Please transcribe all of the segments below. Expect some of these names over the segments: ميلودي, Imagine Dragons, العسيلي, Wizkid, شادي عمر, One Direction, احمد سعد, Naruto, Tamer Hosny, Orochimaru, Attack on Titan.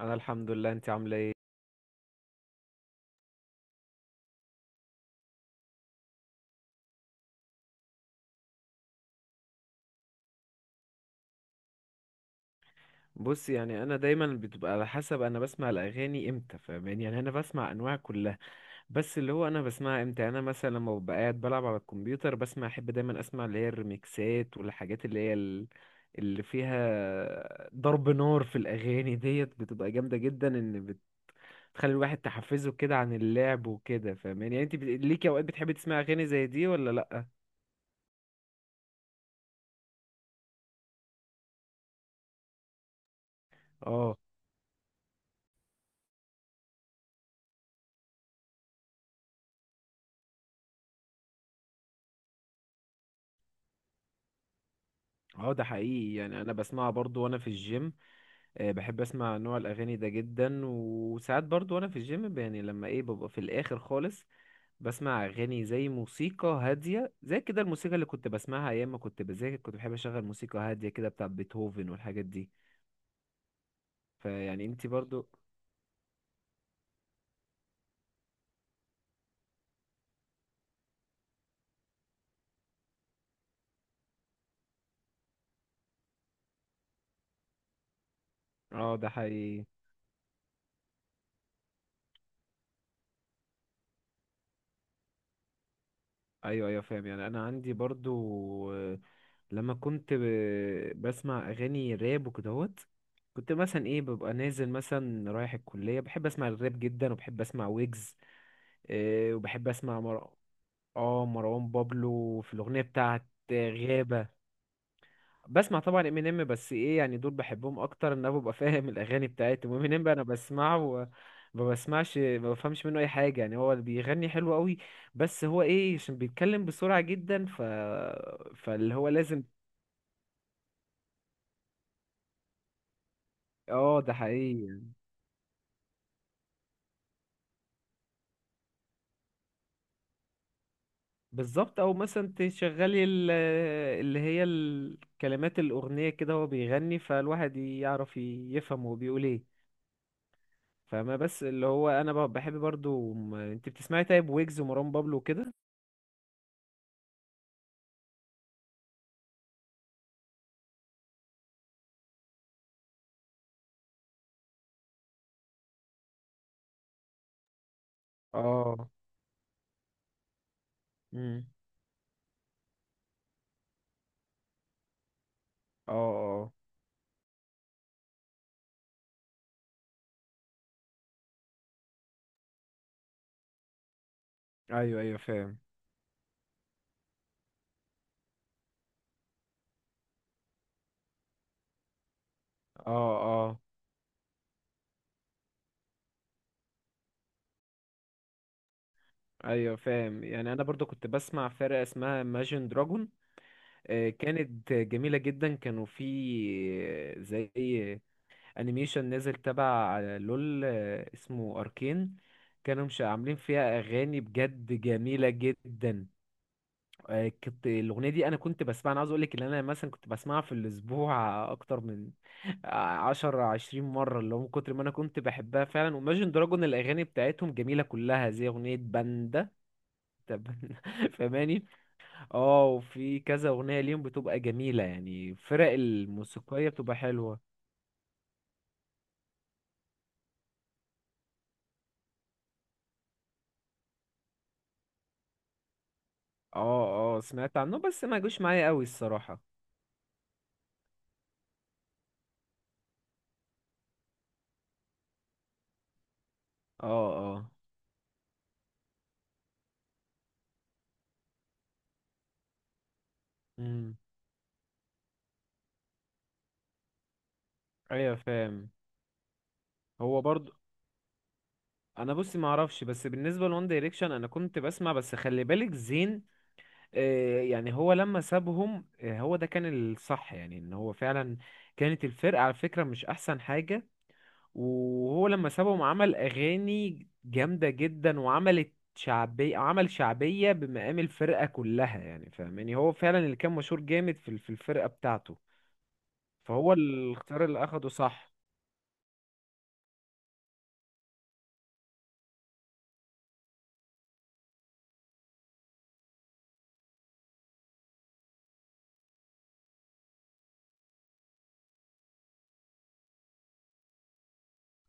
انا الحمد لله، انت عامله ايه؟ بص، يعني انا دايما بتبقى على حسب، انا بسمع الاغاني امتى. فاهماني؟ يعني انا بسمع انواع كلها، بس اللي هو انا بسمعها امتى. يعني انا مثلا لما ببقى قاعد بلعب على الكمبيوتر بسمع، احب دايما اسمع اللي هي الريميكسات والحاجات اللي هي اللي فيها ضرب نار في الاغاني ديت بتبقى جامده جدا، ان بتخلي الواحد تحفزه كده عن اللعب وكده. فاهماني؟ يعني انت ليكي اوقات بتحبي تسمعي اغاني زي دي ولا لا؟ اه، اه، ده حقيقي. يعني انا بسمعها برضو وانا في الجيم. بحب اسمع نوع الاغاني ده جدا، وساعات برضو وانا في الجيم يعني لما ببقى في الاخر خالص، بسمع اغاني زي موسيقى هاديه، زي كده الموسيقى اللي كنت بسمعها ايام ما كنت بذاكر، كنت بحب اشغل موسيقى هاديه كده بتاع بيتهوفن والحاجات دي. فيعني انتي برضو؟ اه، ده حقيقي. ايوه، ايوه، فاهم. يعني انا عندي برضو، لما كنت بسمع اغاني راب وكدهوت، كنت مثلا ببقى نازل مثلا رايح الكليه، بحب اسمع الراب جدا وبحب اسمع ويجز. إيه، وبحب اسمع مروان. اه، مروان بابلو في الاغنيه بتاعت غابه. بسمع طبعا امينيم، بس يعني دول بحبهم اكتر، ان انا ببقى فاهم الاغاني بتاعتهم. امينيم بقى انا بسمعه ما بسمعش، ما بفهمش منه اي حاجه، يعني هو اللي بيغني حلو قوي، بس هو عشان بيتكلم بسرعه جدا، فاللي هو لازم. اه، ده حقيقي يعني. بالظبط، او مثلا تشغلي اللي هي الكلمات الاغنيه كده هو بيغني، فالواحد يعرف يفهم هو بيقول ايه. فاهمة؟ بس اللي هو انا بحب برضو، انت بتسمعي طيب ويجز ومروان بابلو وكده؟ اه. امم. اه، اه. ايوه، ايوه، فاهم. اه، اه. ايوه، فاهم. يعني انا برضو كنت بسمع فرقة اسمها Imagine Dragon. آه، كانت جميلة جدا. كانوا في زي انيميشن نزل تبع لول، اسمه اركين. كانوا مش عاملين فيها اغاني بجد جميلة جدا. كنت الاغنيه دي انا كنت بسمعها، انا عاوز اقول لك ان انا مثلا كنت بسمعها في الاسبوع اكتر من 10 20 مره، اللي هو من كتر ما انا كنت بحبها فعلا. وماجن دراجون الاغاني بتاعتهم جميله كلها زي اغنيه باندا. طب- فاهماني؟ اه، وفي كذا اغنيه ليهم بتبقى جميله، يعني الفرق الموسيقيه بتبقى حلوه. اه، اه، سمعت عنه بس ما جوش معايا قوي الصراحه. اه، اه. امم. ايوه، فاهم. هو برضو. انا بصي ما اعرفش، بس بالنسبه لون دايركشن انا كنت بسمع، بس خلي بالك زين، آه، يعني هو لما سابهم، هو ده كان الصح. يعني ان هو فعلا كانت الفرقه على فكره مش احسن حاجه، وهو لما سابهم عمل اغاني جامده جدا وعملت شعبيه، عمل شعبيه بمقام الفرقه كلها. يعني فاهماني؟ هو فعلا اللي كان مشهور جامد في الفرقه بتاعته. فهو الاختيار اللي اخده صح.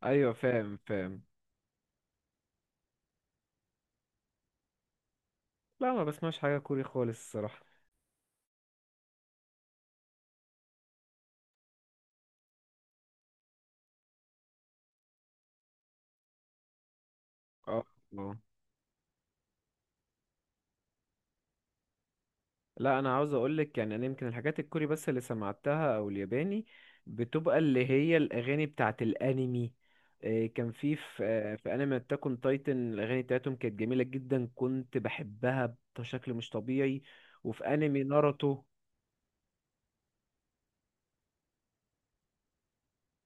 ايوه، فاهم فاهم. لا، ما بسمعش حاجه كوري خالص الصراحه. اه. آه. لا، انا عاوز اقولك، يعني انا يمكن الحاجات الكوري بس اللي سمعتها او الياباني، بتبقى اللي هي الاغاني بتاعت الانمي. إيه، كان في انمي اتاك اون تايتن الاغاني بتاعتهم كانت جميله جدا، كنت بحبها بشكل مش طبيعي. وفي انمي ناروتو،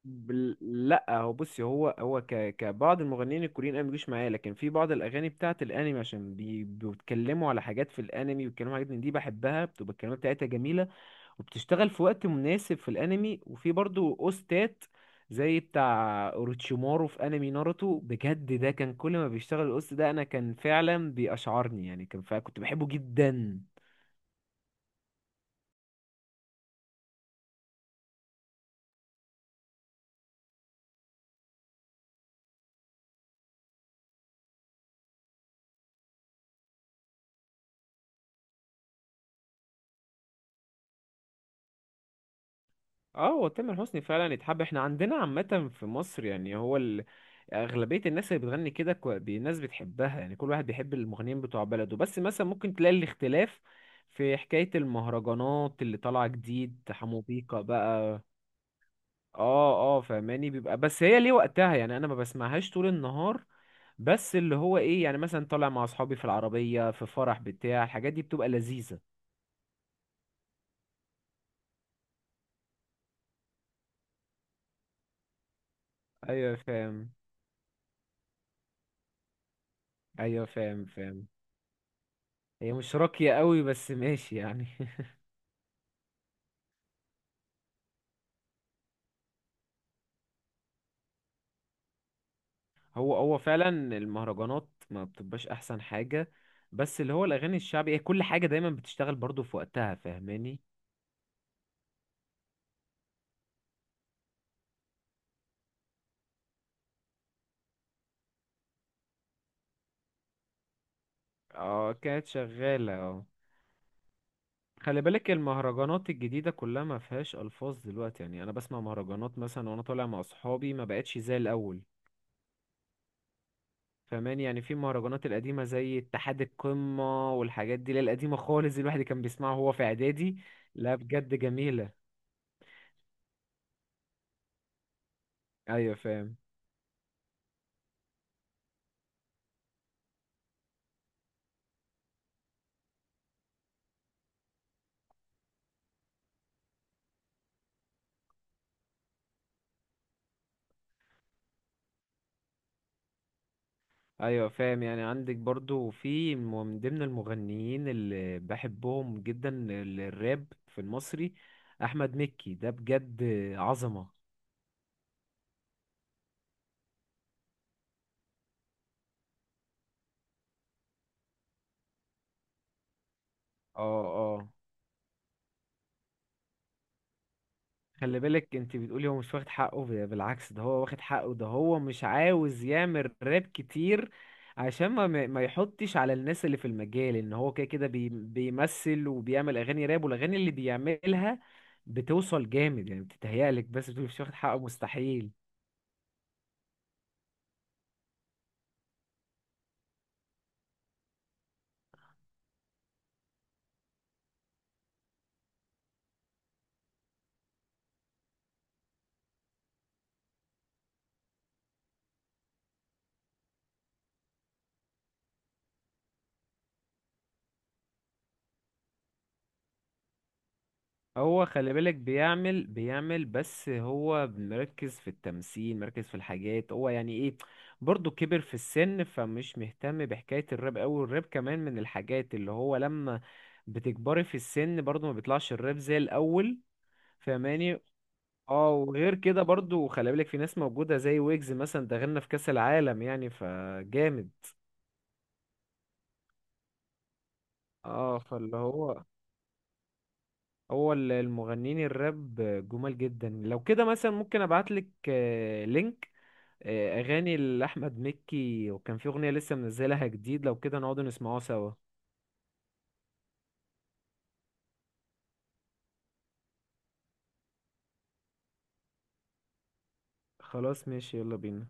لا هو بصي، هو كبعض المغنيين الكوريين انا مبيجوش معايا، لكن في بعض الاغاني بتاعت الانمي عشان بيتكلموا على حاجات في الانمي، ويتكلموا على حاجات من دي بحبها، بتبقى الكلمات بتاعتها جميله وبتشتغل في وقت مناسب في الانمي، وفي برضو اوستات زي بتاع اوروتشيمارو في انمي ناروتو. بجد ده كان كل ما بيشتغل الاوست ده انا كان فعلا بيأشعرني، يعني كان فعلا كنت بحبه جدا. اه، هو تامر حسني فعلا يتحب، احنا عندنا عامة في مصر، يعني هو أغلبية الناس اللي بتغني كده الناس بتحبها، يعني كل واحد بيحب المغنيين بتوع بلده، بس مثلا ممكن تلاقي الاختلاف في حكاية المهرجانات اللي طالعة جديد، حمو بيكا بقى. اه، اه، فاهماني، بيبقى بس هي ليه وقتها، يعني انا ما بسمعهاش طول النهار. بس اللي هو يعني مثلا طالع مع اصحابي في العربية في فرح بتاع، الحاجات دي بتبقى لذيذة. ايوه، فاهم. ايوه، فاهم فاهم. هي مش راقية قوي، بس ماشي يعني هو فعلا المهرجانات ما بتبقاش احسن حاجة، بس اللي هو الاغاني الشعبي هي كل حاجة دايما بتشتغل برضو في وقتها. فاهماني؟ اه، كانت شغالة اه. خلي بالك، المهرجانات الجديدة كلها ما فيهاش ألفاظ دلوقتي، يعني أنا بسمع مهرجانات مثلا وأنا طالع مع أصحابي، ما بقتش زي الأول. فماني؟ يعني في المهرجانات القديمة زي اتحاد القمة والحاجات دي اللي هي القديمة خالص دي، الواحد كان بيسمعها وهو في إعدادي. لا، بجد جميلة. أيوة، فاهم. أيوة، فاهم. يعني عندك برضو في من ضمن المغنيين اللي بحبهم جدا، الراب في المصري، أحمد مكي، ده بجد عظمة. اه، اه، خلي بالك انت بتقولي هو مش واخد حقه، بالعكس، ده هو واخد حقه، ده هو مش عاوز يعمل راب كتير عشان ما يحطش على الناس اللي في المجال، ان هو كده كده بيمثل وبيعمل اغاني راب، والاغاني اللي بيعملها بتوصل جامد، يعني بتتهيألك بس بتقولي مش واخد حقه، مستحيل. هو خلي بالك بيعمل بس هو مركز في التمثيل، مركز في الحاجات، هو يعني ايه، برضه كبر في السن، فمش مهتم بحكاية الراب أوي، والراب كمان من الحاجات اللي هو لما بتكبري في السن برضه ما بيطلعش الراب زي الأول. فاهماني؟ اه، وغير كده برضه خلي بالك في ناس موجودة زي ويجز مثلا، ده غنى في كأس العالم يعني، فجامد. اه، فاللي هو، هو المغنيين الراب جمال جدا. لو كده مثلا ممكن ابعتلك لينك، اغاني لاحمد مكي، وكان في اغنيه لسه منزلها جديد، لو كده نقعد نسمعوها سوا. خلاص، ماشي، يلا بينا.